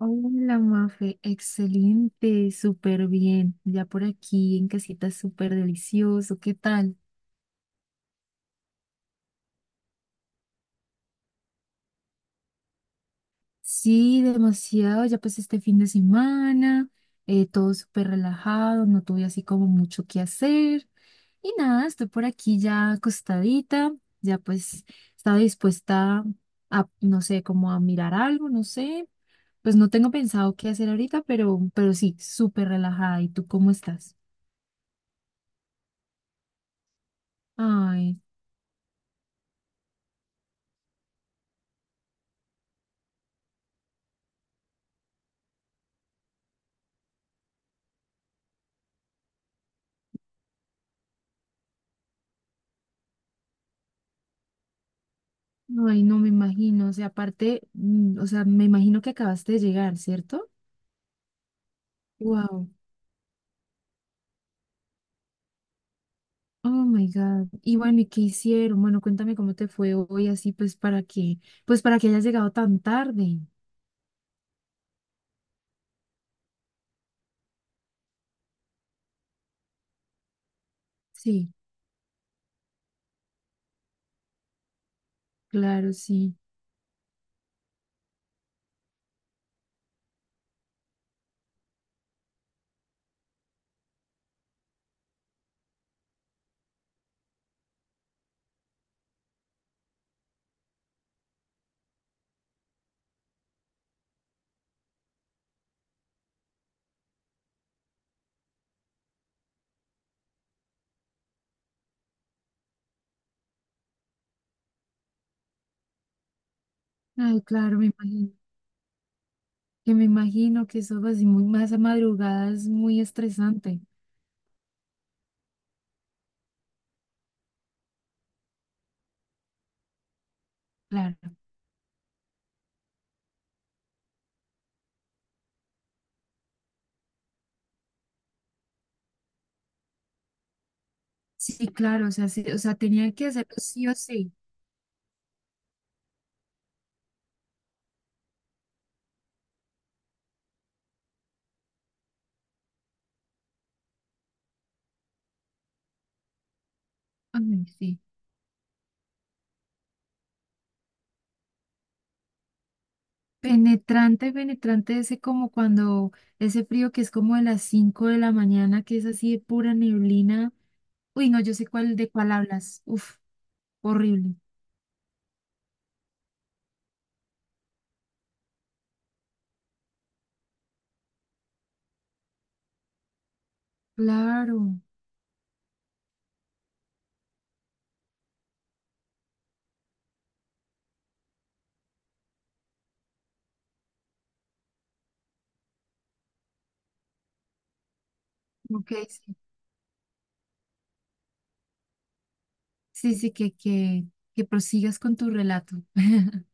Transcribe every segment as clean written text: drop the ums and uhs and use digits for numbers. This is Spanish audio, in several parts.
Hola, Mafe, excelente, súper bien. Ya por aquí en casita, súper delicioso. ¿Qué tal? Sí, demasiado. Ya pues este fin de semana, todo súper relajado, no tuve así como mucho que hacer. Y nada, estoy por aquí ya acostadita, ya pues estaba dispuesta a, no sé, como a mirar algo, no sé. Pues no tengo pensado qué hacer ahorita, pero sí, súper relajada. ¿Y tú cómo estás? Ay. Ay, no me imagino, o sea, aparte, o sea, me imagino que acabaste de llegar, ¿cierto? Wow. Oh my God. Y bueno, ¿y qué hicieron? Bueno, cuéntame cómo te fue hoy así pues para que hayas llegado tan tarde. Sí, claro, sí. Ay, claro, me imagino. Que me imagino que eso así muy más a madrugada es muy estresante. Claro. Sí, claro, o sea, sí, o sea, tenía que hacerlo sí o sí. Ay, sí. Penetrante, penetrante ese como cuando ese frío que es como de las 5 de la mañana, que es así de pura neblina. Uy, no, yo sé cuál de cuál hablas. Uf, horrible. Claro. Ok, sí. Sí, sí, que prosigas con tu relato.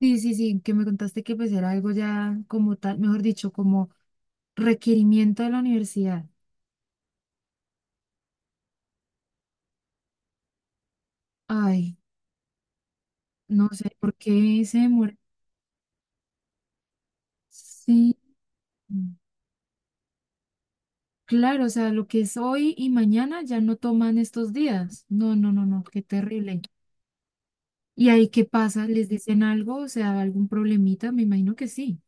Sí, sí, sí, que me contaste que pues era algo ya como tal, mejor dicho, como requerimiento de la universidad. Ay, no sé por qué se demora. Sí. Claro, o sea, lo que es hoy y mañana ya no toman estos días. No, no, no, no, qué terrible. ¿Y ahí qué pasa? ¿Les dicen algo? O sea, ¿algún problemita? Me imagino que sí.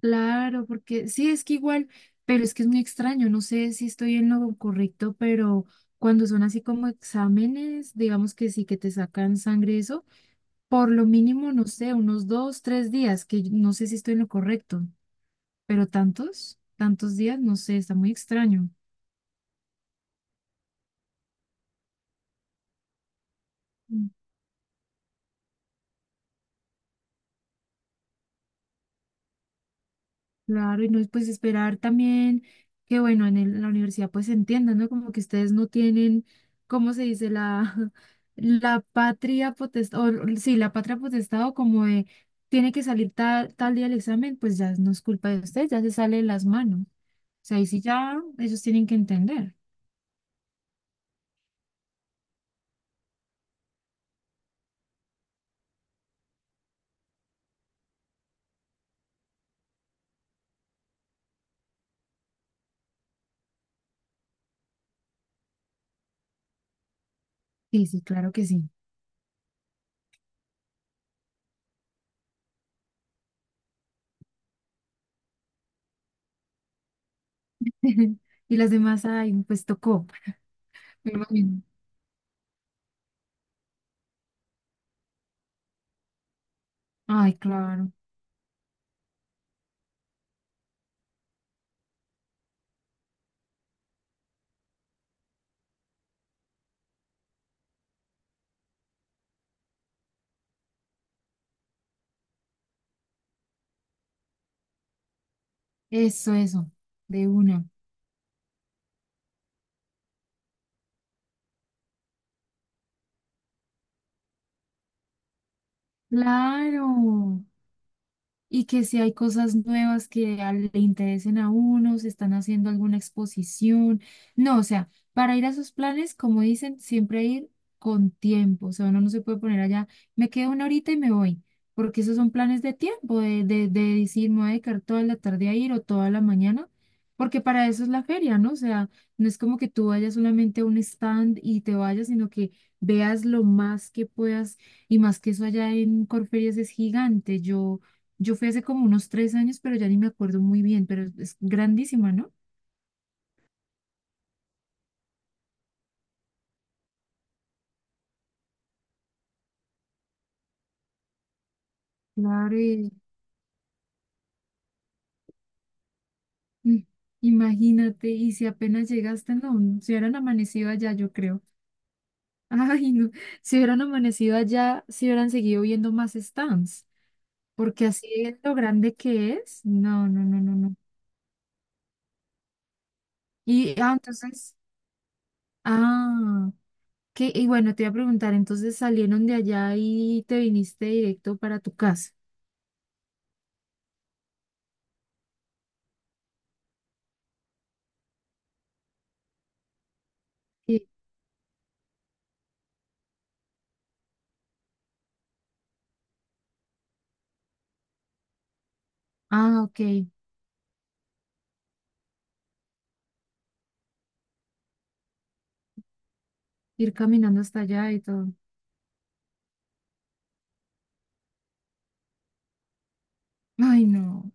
Claro, porque sí, es que igual, pero es que es muy extraño. No sé si estoy en lo correcto, pero cuando son así como exámenes, digamos que sí, que te sacan sangre, eso, por lo mínimo, no sé, unos dos, tres días, que no sé si estoy en lo correcto, pero tantos, tantos días, no sé, está muy extraño. Claro, y no es pues esperar también que, bueno, en la universidad pues se entienda, ¿no? Como que ustedes no tienen, ¿cómo se dice? La, la patria potestad, sí, la patria potestad o como de, tiene que salir tal día el examen, pues ya no es culpa de ustedes, ya se sale de las manos. O sea, ahí sí ya ellos tienen que entender. Sí, sí, claro que sí. Y las demás, ay, pues tocó, me imagino. Ay, claro, eso, de una. Claro. Y que si hay cosas nuevas que le interesen a uno, se están haciendo alguna exposición. No, o sea, para ir a sus planes, como dicen, siempre ir con tiempo. O sea, uno no se puede poner allá, me quedo una horita y me voy, porque esos son planes de tiempo, de decir, me voy a dedicar toda la tarde a ir o toda la mañana, porque para eso es la feria, ¿no? O sea, no es como que tú vayas solamente a un stand y te vayas, sino que veas lo más que puedas. Y más que eso allá en Corferias es gigante. Yo fui hace como unos 3 años, pero ya ni me acuerdo muy bien, pero es grandísima, ¿no? Claro, y, Mm, imagínate, y si apenas llegaste, no, si hubieran amanecido allá, yo creo. Ay, no, si hubieran amanecido allá, si hubieran seguido viendo más stands, porque así es lo grande que es. No, no, no, no, no. Y, entonces, ah, y bueno, te iba a preguntar, entonces salieron de allá y te viniste directo para tu casa. Sí, ah, ok, ir caminando hasta allá y todo. Ay, no.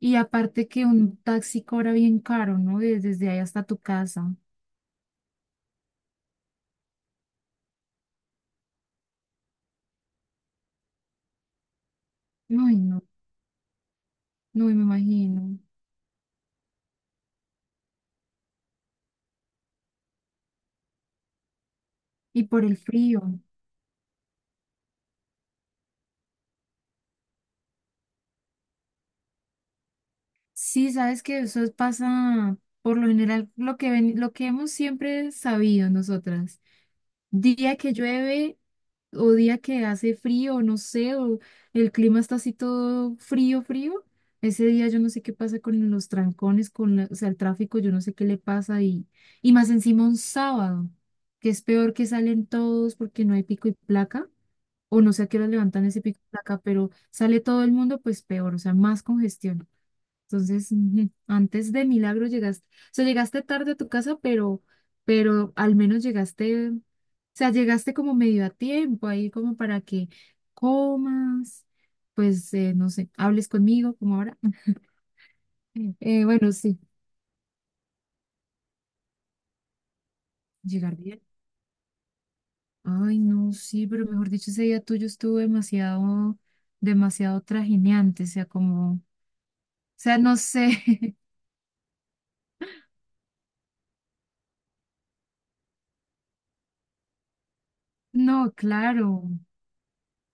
Y aparte que un taxi cobra bien caro, ¿no? Desde ahí hasta tu casa. Ay, no. No me imagino. Y por el frío. Sí, sabes que eso pasa por lo general lo que ven, lo que hemos siempre sabido nosotras. Día que llueve o día que hace frío, no sé, o el clima está así todo frío, frío. Ese día yo no sé qué pasa con los trancones, con o sea, el tráfico, yo no sé qué le pasa y más encima un sábado, que es peor que salen todos porque no hay pico y placa, o no sé a qué hora levantan ese pico y placa, pero sale todo el mundo, pues peor, o sea, más congestión. Entonces, ujú, antes de milagro llegaste, o sea, llegaste tarde a tu casa, pero al menos llegaste, o sea, llegaste como medio a tiempo ahí como para que comas, pues, no sé, hables conmigo como ahora. Bueno, sí, llegar bien. Ay, no, sí, pero mejor dicho, ese día tuyo estuvo demasiado, demasiado trajineante, o sea, como, o sea, no sé, no, claro,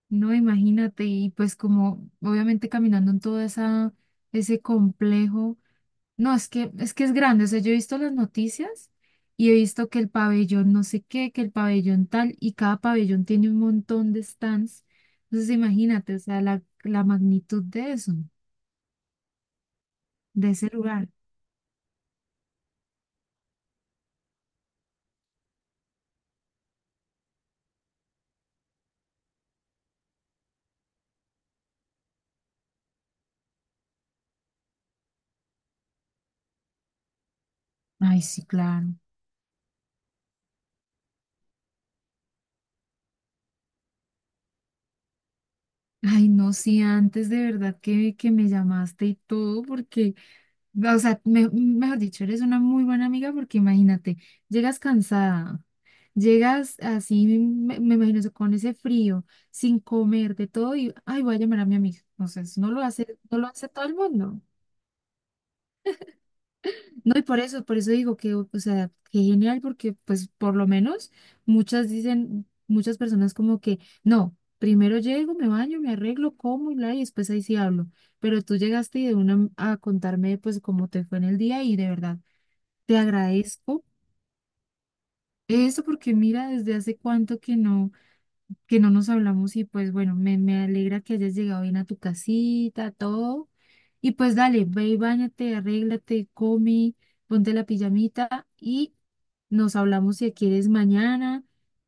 no, imagínate, y pues como obviamente caminando en todo ese complejo, no, es que es grande, o sea, yo he visto las noticias y he visto que el pabellón no sé qué, que el pabellón tal, y cada pabellón tiene un montón de stands, entonces imagínate, o sea, la magnitud de eso, de ese lugar. Ay, sí, claro. Ay, no, sí, antes de verdad que me llamaste y todo, porque... O sea, mejor dicho, eres una muy buena amiga porque imagínate, llegas cansada, llegas así, me imagino eso, con ese frío, sin comer, de todo, y ay, voy a llamar a mi amiga. O sea, eso no lo hace todo el mundo. No, y por eso digo que, o sea, que genial, porque pues por lo menos muchas personas como que, no, primero llego, me baño, me arreglo, como y bla, y después ahí sí hablo. Pero tú llegaste y de una a contarme pues cómo te fue en el día y de verdad. Te agradezco eso porque mira, desde hace cuánto que no nos hablamos y pues bueno, me alegra que hayas llegado bien a tu casita, todo. Y pues dale, ve y báñate, arréglate, come, ponte la pijamita y nos hablamos si quieres mañana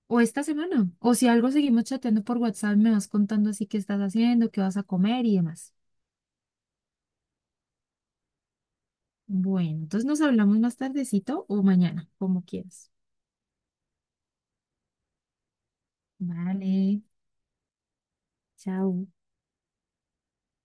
o esta semana. O si algo seguimos chateando por WhatsApp, me vas contando así qué estás haciendo, qué vas a comer y demás. Bueno, entonces nos hablamos más tardecito o mañana, como quieras. Vale, chao.